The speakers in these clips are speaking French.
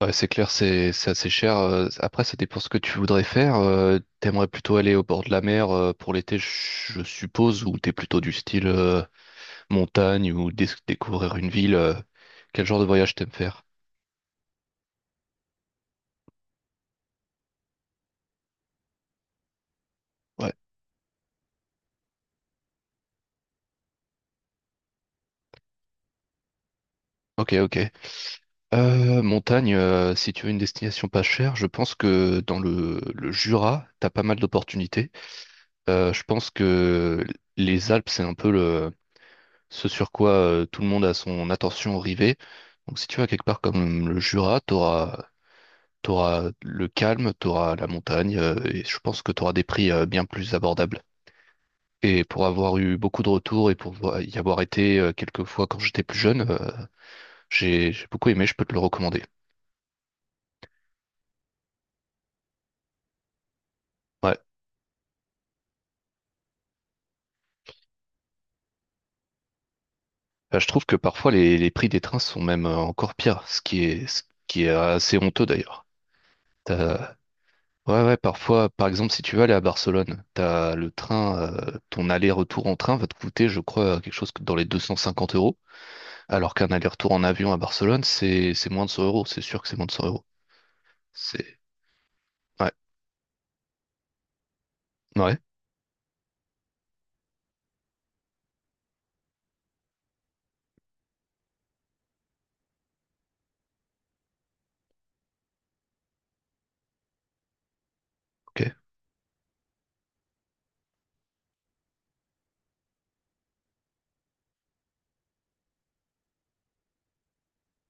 Ouais, c'est clair, c'est assez cher. Après, ça dépend ce que tu voudrais faire. T'aimerais plutôt aller au bord de la mer pour l'été, je suppose, ou t'es plutôt du style montagne ou découvrir une ville. Quel genre de voyage t'aimes faire? Ouais. Ok, ok. Montagne, si tu veux une destination pas chère, je pense que dans le Jura, t'as pas mal d'opportunités. Je pense que les Alpes, c'est un peu le ce sur quoi tout le monde a son attention rivée. Donc si tu vas quelque part comme le Jura, t'auras le calme, t'auras la montagne, et je pense que t'auras des prix bien plus abordables. Et pour avoir eu beaucoup de retours et pour y avoir été quelques fois quand j'étais plus jeune, j'ai beaucoup aimé, je peux te le recommander. Ouais. Bah, je trouve que parfois les prix des trains sont même encore pires, ce qui est assez honteux d'ailleurs. Ouais, ouais, parfois, par exemple, si tu veux aller à Barcelone, t'as le train, ton aller-retour en train va te coûter, je crois, dans les 250 euros, alors qu'un aller-retour en avion à Barcelone, c'est moins de 100 euros, c'est sûr que c'est moins de 100 euros. C'est... Ouais, ouais, ok.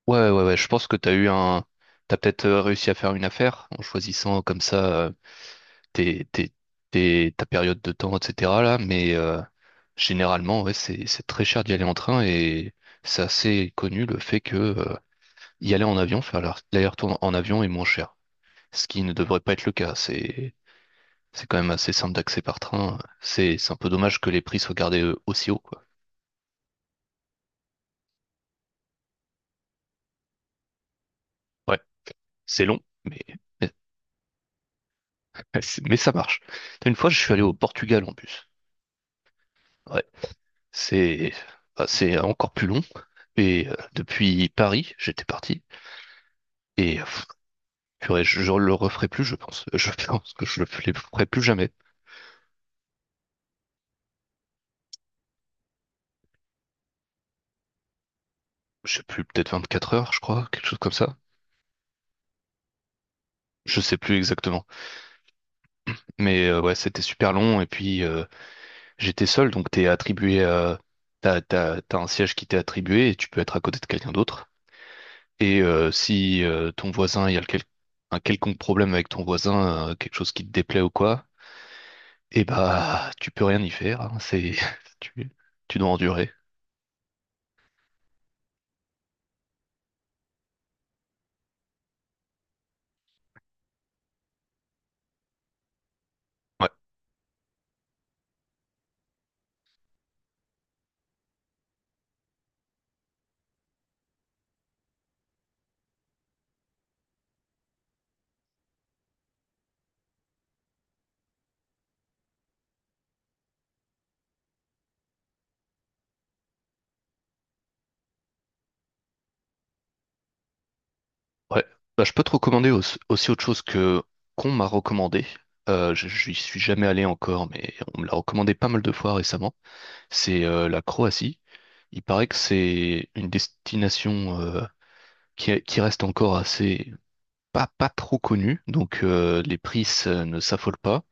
Ouais, ouais, ouais, je pense que t'as eu un... T'as peut-être réussi à faire une affaire en choisissant comme ça tes, tes, ta période de temps, etc. là, mais généralement, ouais, c'est très cher d'y aller en train et c'est assez connu le fait que... Y aller en avion, faire l'aller-retour en avion est moins cher. Ce qui ne devrait pas être le cas. C'est quand même assez simple d'accès par train. C'est un peu dommage que les prix soient gardés aussi haut, quoi. Ouais, c'est long, mais, mais ça marche. Une fois, je suis allé au Portugal en bus. Ouais, c'est bah, c'est encore plus long. Et depuis Paris, j'étais parti. Et je le referai plus, je pense. Je pense que je le ferai plus jamais. Je sais plus, peut-être 24 heures, je crois, quelque chose comme ça. Je sais plus exactement. Mais ouais, c'était super long et puis j'étais seul, donc t'es attribué à... T'as un siège qui t'est attribué et tu peux être à côté de quelqu'un d'autre. Et si ton voisin, il y a le quel- un quelconque problème avec ton voisin, quelque chose qui te déplaît ou quoi, eh bah tu peux rien y faire, hein, c'est... tu, tu dois endurer. Ouais, ouais. Bah, je peux te recommander aussi, aussi autre chose que qu'on m'a recommandé. Je n'y suis jamais allé encore, mais on me l'a recommandé pas mal de fois récemment. C'est la Croatie. Il paraît que c'est une destination qui reste encore assez pas trop connue, donc les prix ne s'affolent pas.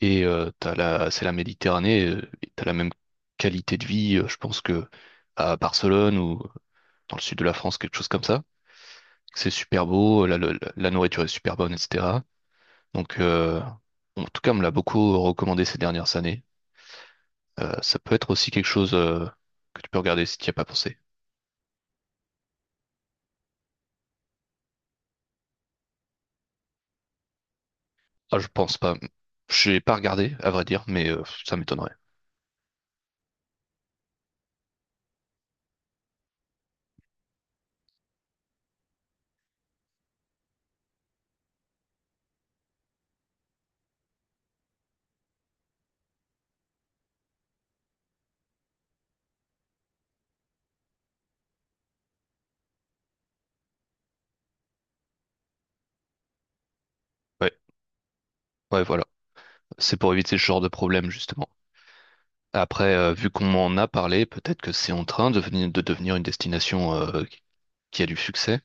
Et c'est la Méditerranée, et t'as la même qualité de vie, je pense que à Barcelone ou dans le sud de la France, quelque chose comme ça. C'est super beau, la nourriture est super bonne, etc. Donc en tout cas, on me l'a beaucoup recommandé ces dernières années. Ça peut être aussi quelque chose que tu peux regarder si tu n'y as pas pensé. Ah, je pense pas. J'ai pas regardé, à vrai dire, mais ça m'étonnerait. Ouais, ouais, voilà. C'est pour éviter ce genre de problème, justement. Après, vu qu'on m'en a parlé, peut-être que c'est en train de venir- de devenir une destination qui a du succès,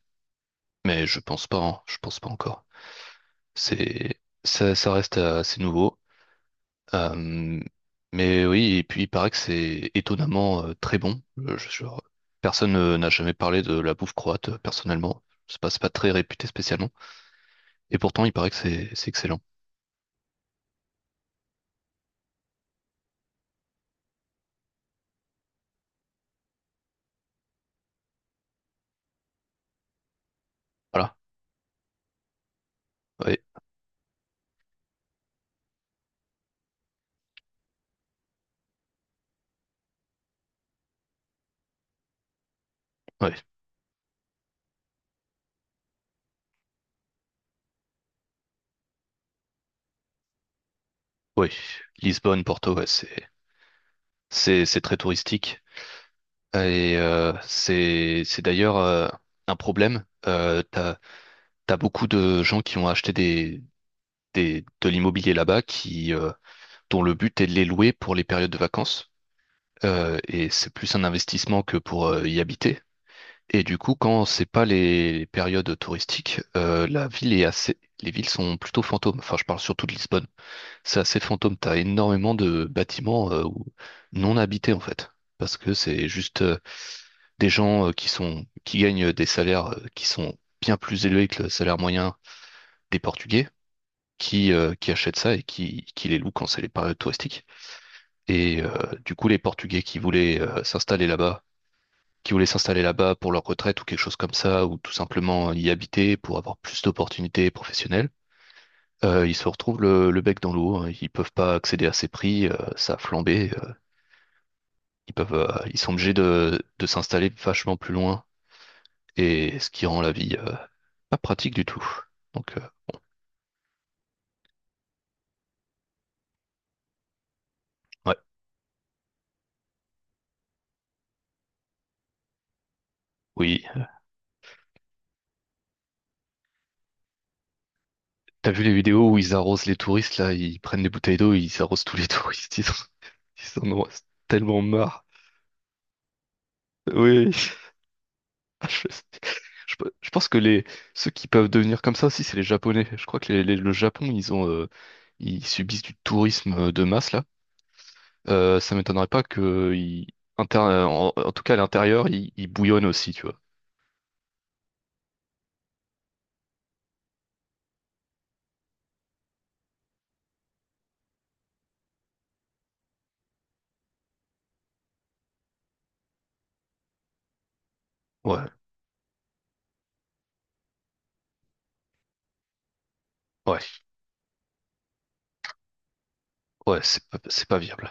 mais je pense pas, hein. Je pense pas encore. Ça reste assez nouveau. Euh, mais oui, et puis il paraît que c'est étonnamment très bon. Personne n'a jamais parlé de la bouffe croate, personnellement. C'est pas très réputé spécialement. Et pourtant, il paraît que c'est excellent. Voilà. Ouais, ouais, ouais. Lisbonne, Porto, ouais, c'est très touristique. Et c'est d'ailleurs un problème. T'as beaucoup de gens qui ont acheté des de l'immobilier là-bas qui dont le but est de les louer pour les périodes de vacances. Et c'est plus un investissement que pour y habiter. Et du coup, quand c'est pas les périodes touristiques, la ville est assez, les villes sont plutôt fantômes. Enfin, je parle surtout de Lisbonne. C'est assez fantôme. T'as énormément de bâtiments non habités en fait, parce que c'est juste des gens qui gagnent des salaires qui sont bien plus élevés que le salaire moyen des Portugais, qui achètent ça et qui les louent quand c'est les périodes touristiques. Et du coup, les Portugais qui voulaient s'installer là-bas qui voulaient s'installer là-bas pour leur retraite ou quelque chose comme ça, ou tout simplement y habiter pour avoir plus d'opportunités professionnelles. Ils se retrouvent le bec dans l'eau, hein. Ils peuvent pas accéder à ces prix, ça a flambé, ils peuvent, euh, ils sont obligés de s'installer vachement plus loin, et ce qui rend la vie pas pratique du tout. Donc, ouais, oui. T'as vu les vidéos où ils arrosent les touristes, là, ils prennent des bouteilles d'eau, ils arrosent tous les touristes, ils en ont tellement marre. Oui, Ah, Je, je pense que les ceux qui peuvent devenir comme ça aussi, c'est les Japonais. Je crois que le Japon, ils ont, ils subissent du tourisme de masse là. Ça m'étonnerait pas que en, en tout cas à l'intérieur, ils bouillonnent aussi, tu vois. Ouais, ouais, ouais, c'est pas viable.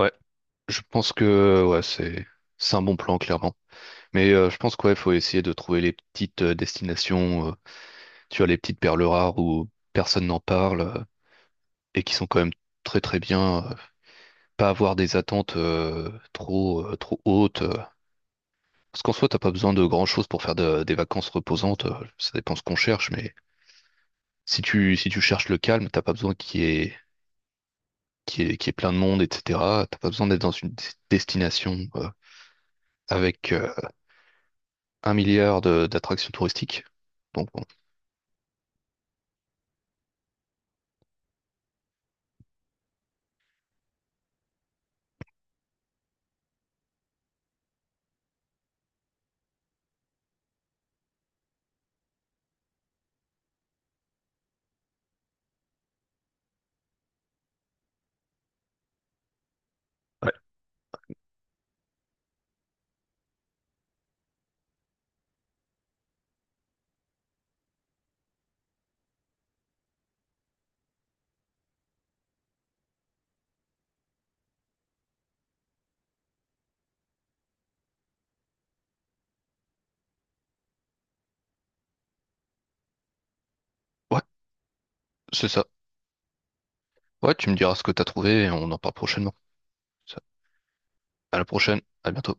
Ouais, je pense que ouais, c'est un bon plan clairement. Mais je pense qu'il ouais, faut essayer de trouver les petites destinations, tu vois, les petites perles rares où personne n'en parle et qui sont quand même très très bien. Pas avoir des attentes trop hautes. Parce qu'en soi, t'as pas besoin de grand-chose pour faire des vacances reposantes. Ça dépend ce qu'on cherche, mais si tu cherches le calme, t'as pas besoin qu'il y ait plein de monde, etc. T'as pas besoin d'être dans une destination avec un milliard d'attractions touristiques. Donc bon. Ouais, c'est ça. Ouais, tu me diras ce que t'as trouvé et on en parle prochainement. Ça- À la prochaine, à bientôt.